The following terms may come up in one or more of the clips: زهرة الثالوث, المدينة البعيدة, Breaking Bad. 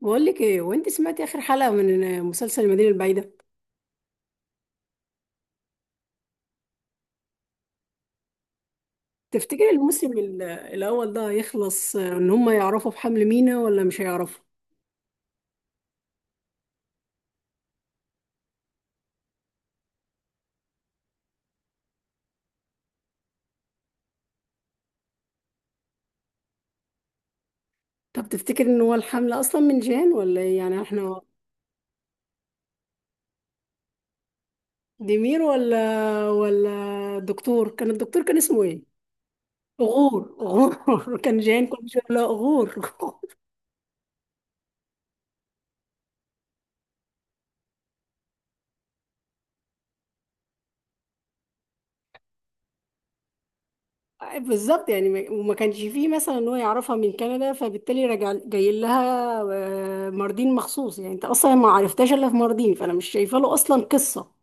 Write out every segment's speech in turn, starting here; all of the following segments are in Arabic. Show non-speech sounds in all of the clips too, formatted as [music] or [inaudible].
بقول لك ايه وانت سمعتي اخر حلقه من مسلسل المدينه البعيده؟ تفتكري الموسم الاول ده هيخلص ان هم يعرفوا بحمل مينا ولا مش هيعرفوا؟ طب تفتكر ان هو الحمل اصلا من جان ولا ايه؟ يعني احنا ديمير ولا دكتور، كان الدكتور كان اسمه ايه؟ غور، غور [laughs] كان جان كل شويه لا غور [laughs] بالظبط، يعني وما كانش فيه مثلا ان هو يعرفها من كندا فبالتالي راجع جاي لها ماردين مخصوص. يعني انت اصلا ما عرفتهاش الا في ماردين، فانا مش شايفه له اصلا قصه.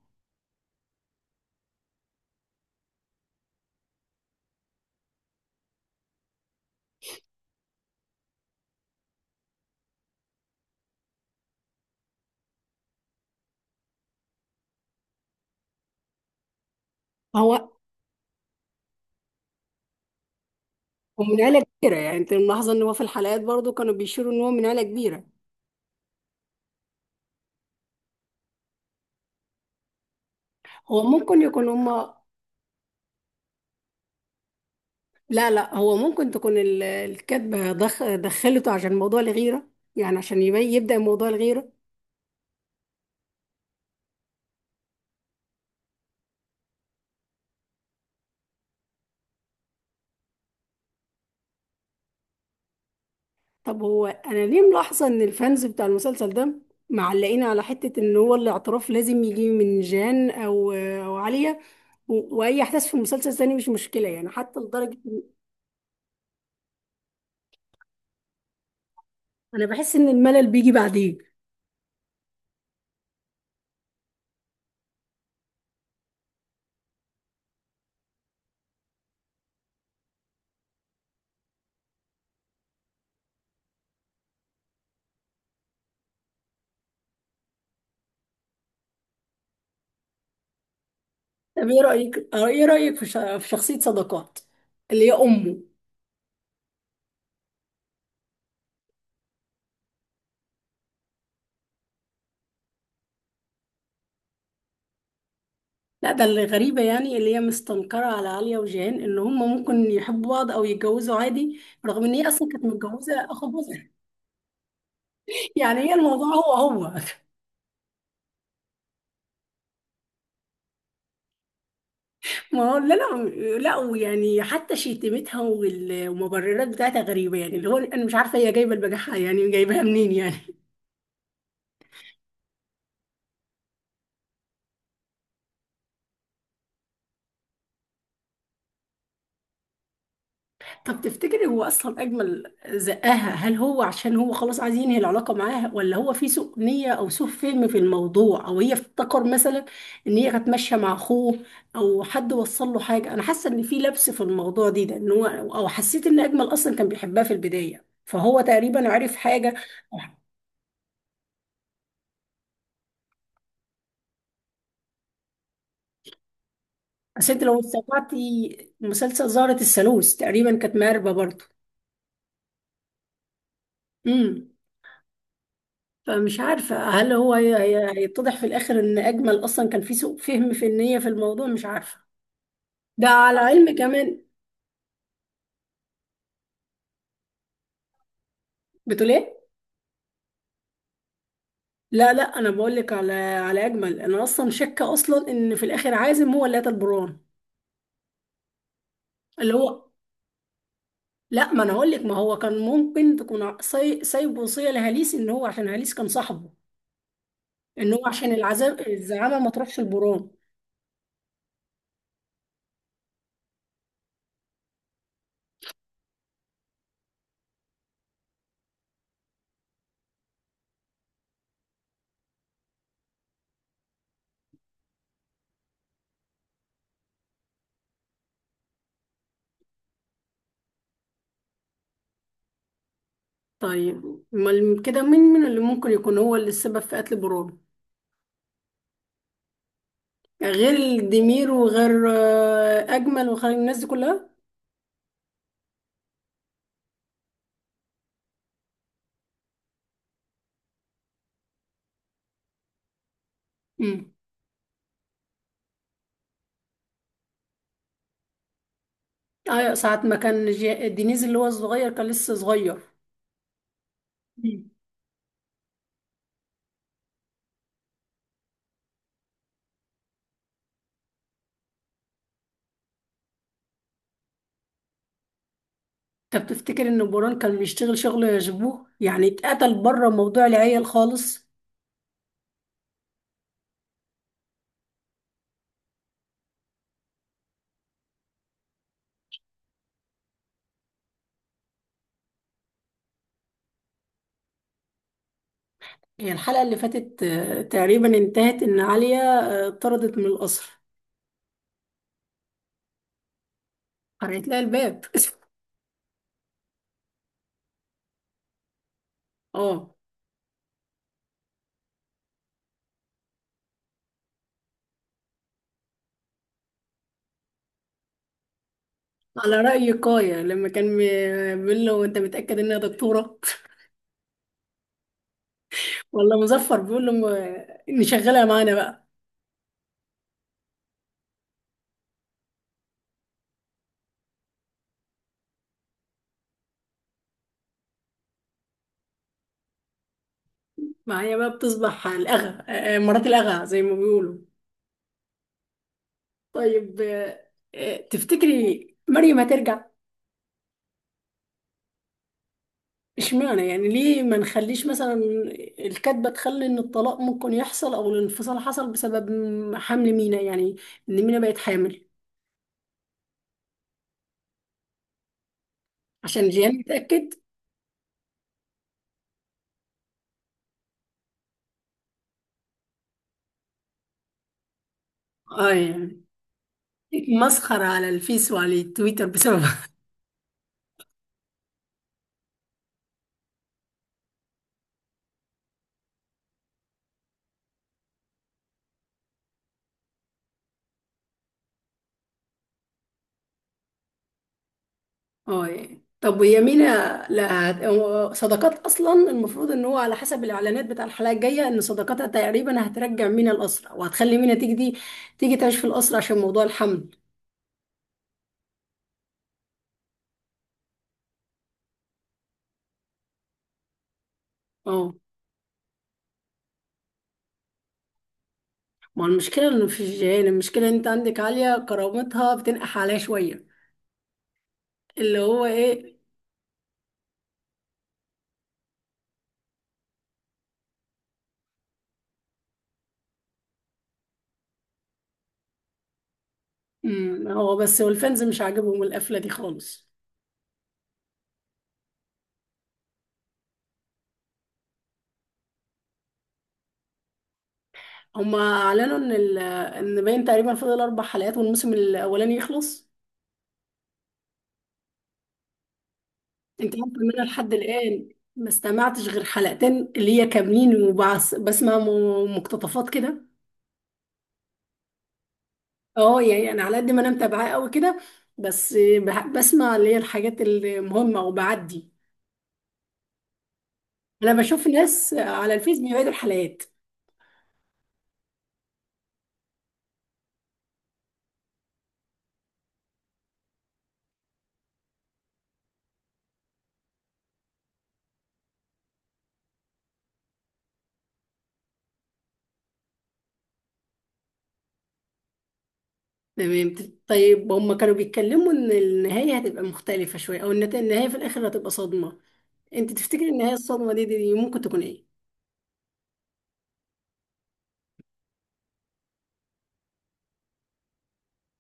هو هو من عيله كبيره، يعني انت ملاحظه ان هو في الحلقات برضو كانوا بيشيروا ان هو من عيله كبيره. هو ممكن يكون هما. لا لا، هو ممكن تكون الكاتبه دخلته عشان موضوع الغيره، يعني عشان يبدا موضوع الغيره. طب هو انا ليه ملاحظه ان الفانز بتاع المسلسل ده معلقين على حته ان هو الاعتراف لازم يجي من جان او عليا، واي احداث في المسلسل تاني مش مشكله؟ يعني حتى لدرجه إن انا بحس ان الملل بيجي بعدين. طب ايه رايك في في شخصيه صداقات اللي هي امه؟ لا، ده اللي غريبه، يعني اللي هي مستنكره على عليا وجان ان هم ممكن يحبوا بعض او يتجوزوا عادي، رغم ان هي اصلا كانت متجوزه اخو جوزها. [laughs] يعني هي الموضوع هو هو. ما هو لا لا لا. ويعني حتى شتيمتها والمبررات بتاعتها غريبة، يعني اللي هو أنا مش عارفة هي جايبة البجاحة، يعني جايبها منين يعني. [laughs] طب تفتكري هو أصلا أجمل زقاها؟ هل هو عشان هو خلاص عايز ينهي العلاقة معاها، ولا هو في سوء نية أو سوء فهم في الموضوع، أو هي افتكر مثلا إن هي كانت ماشية مع أخوه، أو حد وصل له حاجة؟ أنا حاسة إن في لبس في الموضوع دي ده، إن هو، أو حسيت إن أجمل أصلا كان بيحبها في البداية فهو تقريبا عرف حاجة. بس انت لو استطعتي مسلسل زهرة الثالوث تقريبا كانت مهربة برضه. امم فمش عارفة هل هو هيتضح في الآخر إن أجمل أصلا كان في سوء فهم في النية في الموضوع، مش عارفة. ده على علم كمان. بتقول إيه؟ لا لا، أنا بقول لك على أجمل. أنا أصلا شاكة أصلا إن في الآخر عازم هو اللي قتل بران. اللي هو لا، ما أنا هقول لك، ما هو كان ممكن تكون سايب وصية لهاليس، إن هو عشان هاليس كان صاحبه، إن هو عشان العذاب الزعامة ما تروحش لبران. طيب امال كده مين من اللي ممكن يكون هو اللي السبب في قتل برونو؟ يعني غير ديمير وغير اجمل وغير الناس دي كلها. امم ايوه، ساعة ما كان دينيز اللي هو الصغير كان لسه صغير. مم. انت بتفتكر ان بوران كان بيشتغل شغل يشبوه، يعني اتقتل بره موضوع العيال خالص؟ هي الحلقة اللي فاتت تقريبا انتهت ان عليا طردت من القصر. قرأت لها الباب. [laughs] اه. على رأي كايا لما كان بيقول له انت متأكد انها دكتورة؟ [laughs] والله مظفر بيقول له إني شغالة معانا بقى، معايا بقى بتصبح الأغا، مرات الأغا زي ما بيقولوا. طيب تفتكري مريم هترجع؟ اشمعنى؟ يعني ليه ما نخليش مثلا الكاتبة تخلي إن الطلاق ممكن يحصل أو الانفصال حصل بسبب حمل مينا، يعني إن مينا بقت حامل عشان جيان يتأكد. اه يعني مسخرة على الفيس وعلى التويتر بسبب. اه يعني طب ويا مينا. لا، هو صداقات اصلا المفروض ان هو على حسب الاعلانات بتاع الحلقه الجايه ان صداقاتها تقريبا هترجع مينا الاسرى، وهتخلي مينا تيجي دي تيجي تعيش في الاسرى عشان موضوع الحمل. اه، ما المشكله انه في الجيران. المشكله ان انت عندك عاليه كرامتها بتنقح عليها شويه، اللي هو ايه. هو بس، والفانز مش عاجبهم القفله دي خالص. هما اعلنوا ان باين تقريبا فاضل اربع حلقات والموسم الاولاني يخلص. انت عارفه ان انا لحد الان ما استمعتش غير حلقتين اللي هي كاملين، وبسمع مقتطفات كده. اه يعني انا على قد ما انا متابعاه قوي كده، بس بسمع اللي هي الحاجات المهمه وبعدي. انا بشوف ناس على الفيس بيعيدوا الحلقات. تمام. طيب هم كانوا بيتكلموا ان النهايه هتبقى مختلفه شويه، او النهايه في الاخر هتبقى صدمه. انت تفتكري النهايه الصدمه دي ممكن تكون ايه؟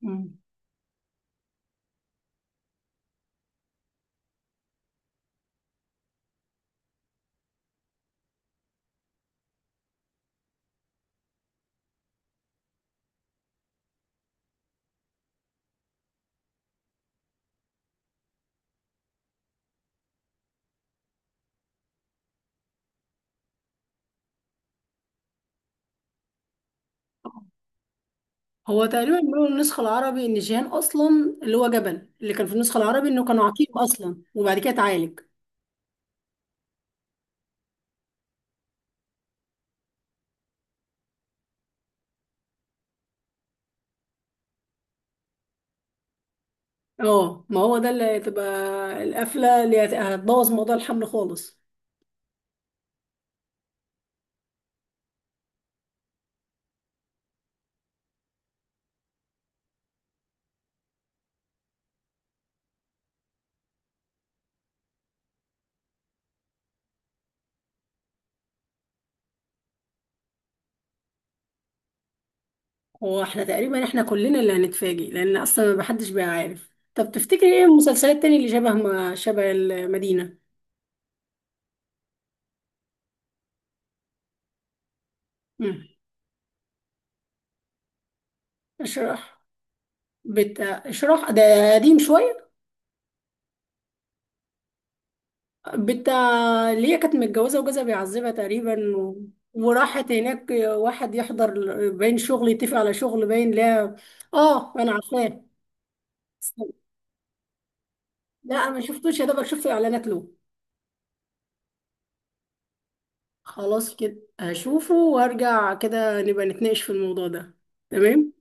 مم. هو تقريبا بيقولوا النسخة العربي إن جيهان أصلا، اللي هو جبل اللي كان في النسخة العربي، إنه كان عقيم أصلا وبعد كده اتعالج. اه، ما هو ده اللي هتبقى القفلة اللي هتبوظ موضوع الحمل خالص. هو احنا تقريبا احنا كلنا اللي هنتفاجئ، لأن أصلا ما حدش بقى عارف. طب تفتكري ايه المسلسلات التانية اللي شبه، ما شبه المدينة؟ مم. اشراح. اشراح ده قديم شوية. بت ليا كانت متجوزة وجوزها بيعذبها تقريبا و... وراحت هناك واحد يحضر، باين شغل، يتفق على شغل، باين لا. اه انا عارفاه. لا ما شفتوش، يا دوبك شفت اعلانات له. خلاص كده هشوفه وارجع كده نبقى نتناقش في الموضوع ده. تمام.